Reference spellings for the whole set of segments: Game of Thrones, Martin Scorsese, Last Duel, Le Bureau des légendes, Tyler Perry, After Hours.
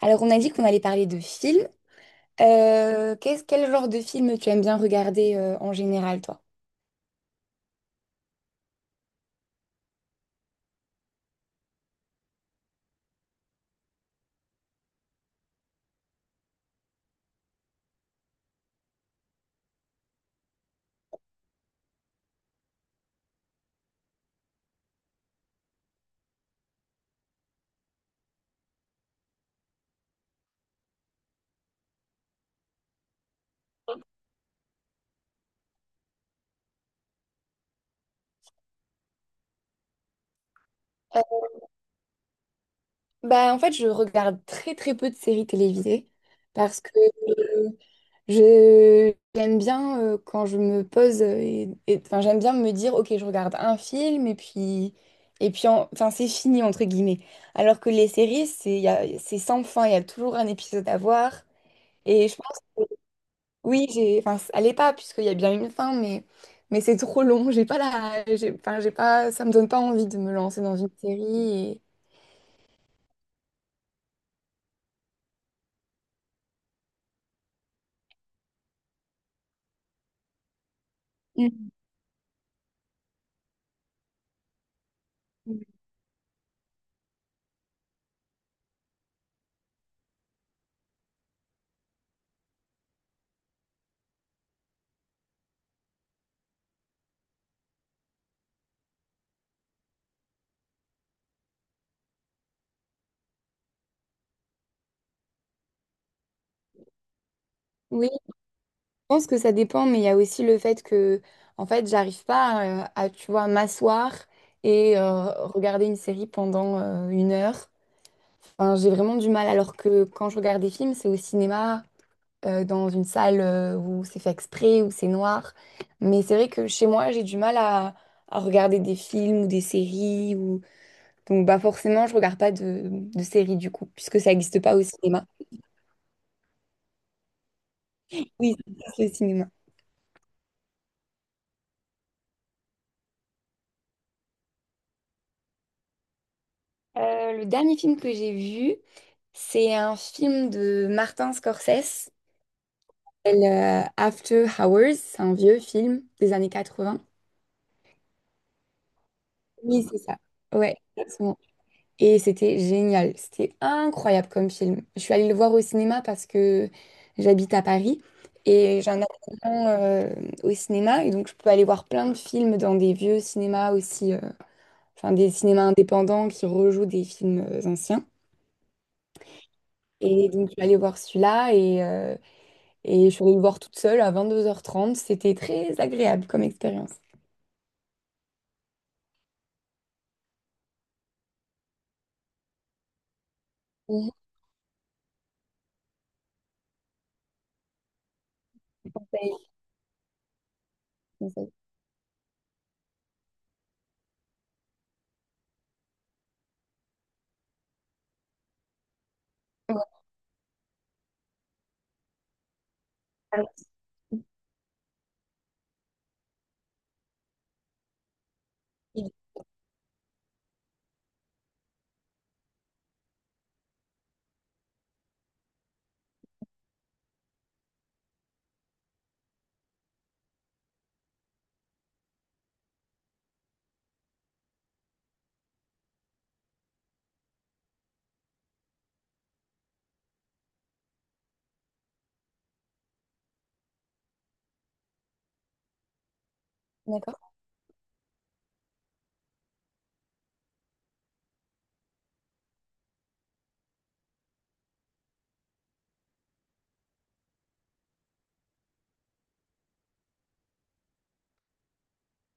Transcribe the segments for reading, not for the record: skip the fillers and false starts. Alors, on a dit qu'on allait parler de films. Quel genre de film tu aimes bien regarder en général, toi? Euh, En fait, je regarde très très peu de séries télévisées parce que je j'aime bien quand je me pose enfin j'aime bien me dire ok je regarde un film et puis enfin c'est fini entre guillemets, alors que les séries c'est c'est sans fin, il y a toujours un épisode à voir et je pense. Oui, j'ai, enfin, elle est pas, puisqu'il y a bien une fin, mais c'est trop long. J'ai pas la, j'ai, enfin, j'ai pas, ça me donne pas envie de me lancer dans une série. Mm. Oui, je pense que ça dépend, mais il y a aussi le fait que, en fait, j'arrive pas à, tu vois, m'asseoir et regarder une série pendant une heure. Enfin, j'ai vraiment du mal, alors que quand je regarde des films, c'est au cinéma. Dans une salle où c'est fait exprès, où c'est noir. Mais c'est vrai que chez moi, j'ai du mal à regarder des films ou des séries. Ou... Donc bah forcément, je regarde pas de, de séries du coup, puisque ça n'existe pas au cinéma. Oui, ça existe au cinéma. Le dernier film que j'ai vu, c'est un film de Martin Scorsese, s'appelle, After Hours, c'est un vieux film des années 80. Oui, c'est ça. Ouais, exactement. Et c'était génial, c'était incroyable comme film. Je suis allée le voir au cinéma parce que j'habite à Paris et j'ai un abonnement au cinéma et donc je peux aller voir plein de films dans des vieux cinémas aussi, enfin des cinémas indépendants qui rejouent des films anciens. Et donc je suis allée voir celui-là et je suis allée le voir toute seule à 22h30. C'était très agréable comme expérience. Mhm. Ouais. D'accord.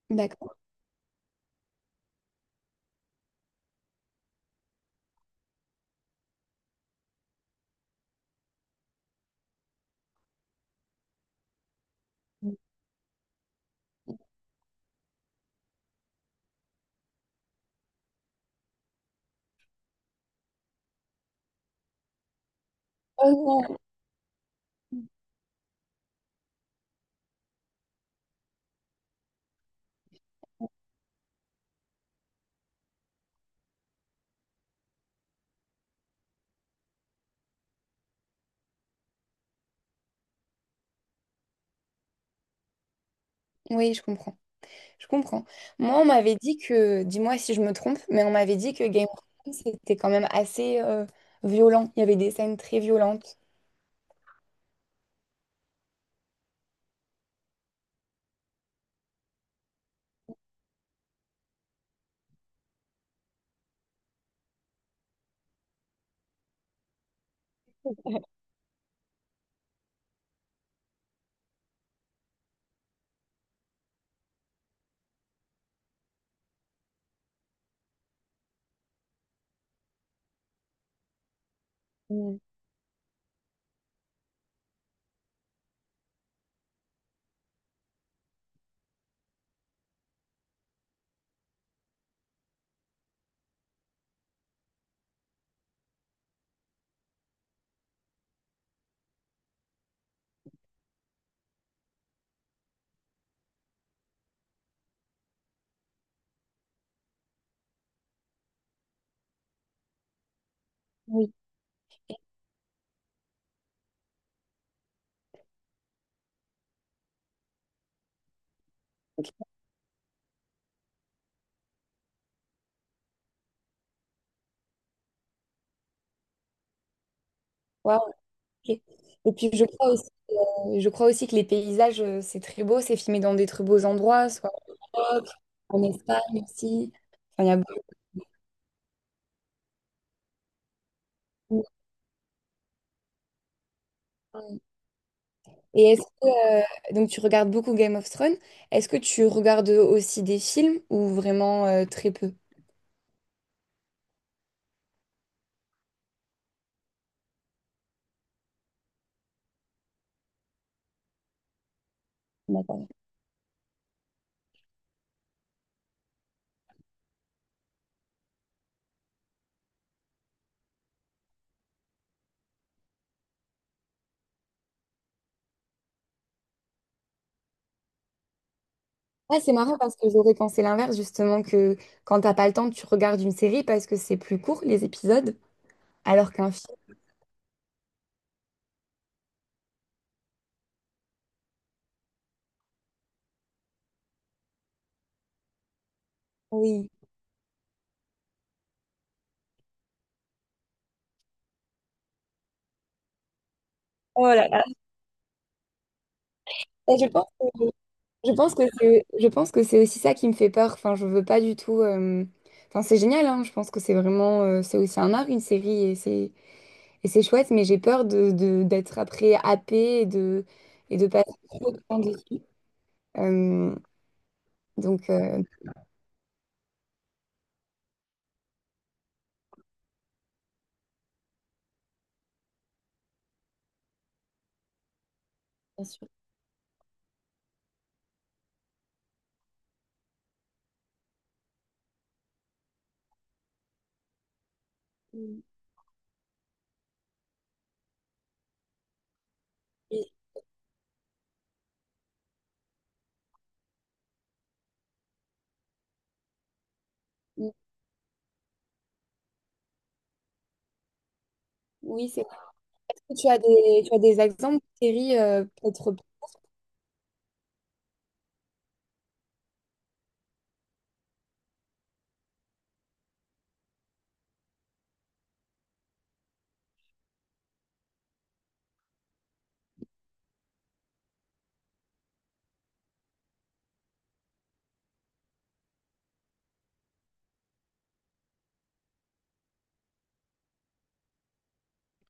D'accord. Oh non. Oui, je comprends. Je comprends. Moi, on m'avait dit que, dis-moi si je me trompe, mais on m'avait dit que Game of Thrones, c'était quand même assez violent. Il y avait des scènes très violentes. Mm. Oui. Waouh, ok. Et puis, je crois aussi que les paysages, c'est très beau. C'est filmé dans des très beaux endroits, soit en Europe, en Espagne aussi. Enfin, il y a beaucoup. Et est-ce que, donc, tu regardes beaucoup Game of Thrones. Est-ce que tu regardes aussi des films ou vraiment très peu? Ouais, c'est marrant parce que j'aurais pensé l'inverse, justement, que quand t'as pas le temps, tu regardes une série parce que c'est plus court, les épisodes, alors qu'un film, oui. Oh là là. Et je pense que c'est, je pense que c'est aussi ça qui me fait peur. Enfin, je veux pas du tout. Enfin, c'est génial, hein. Je pense que c'est vraiment, c'est aussi un art, une série, et c'est chouette, mais j'ai peur de, d'être après happée et de passer trop de temps dessus. Euh, donc, euh, Bien sûr. Oui, oui, c'est. Tu as des exemples de séries, peut-être,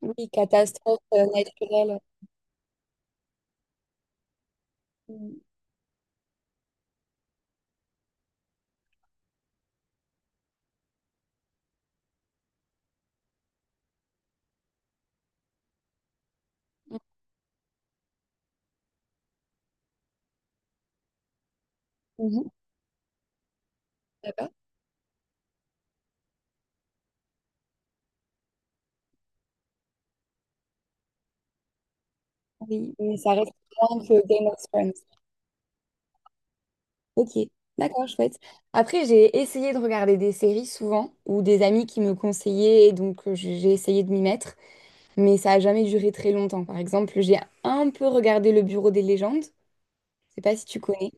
oui, catastrophes naturelles. Mhm. Mhm. D'accord. Oui, mais ça reste moins que Game of Thrones. Ok, d'accord, chouette. Après, j'ai essayé de regarder des séries souvent, ou des amis qui me conseillaient, et donc j'ai essayé de m'y mettre, mais ça a jamais duré très longtemps. Par exemple, j'ai un peu regardé Le Bureau des légendes, je sais pas si tu connais.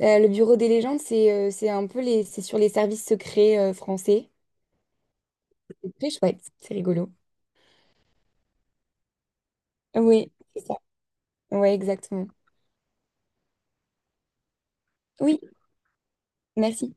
Le Bureau des légendes, c'est un peu les, c'est sur les services secrets français. C'est très chouette, c'est rigolo. Oui, c'est ça. Ouais, exactement. Oui, merci.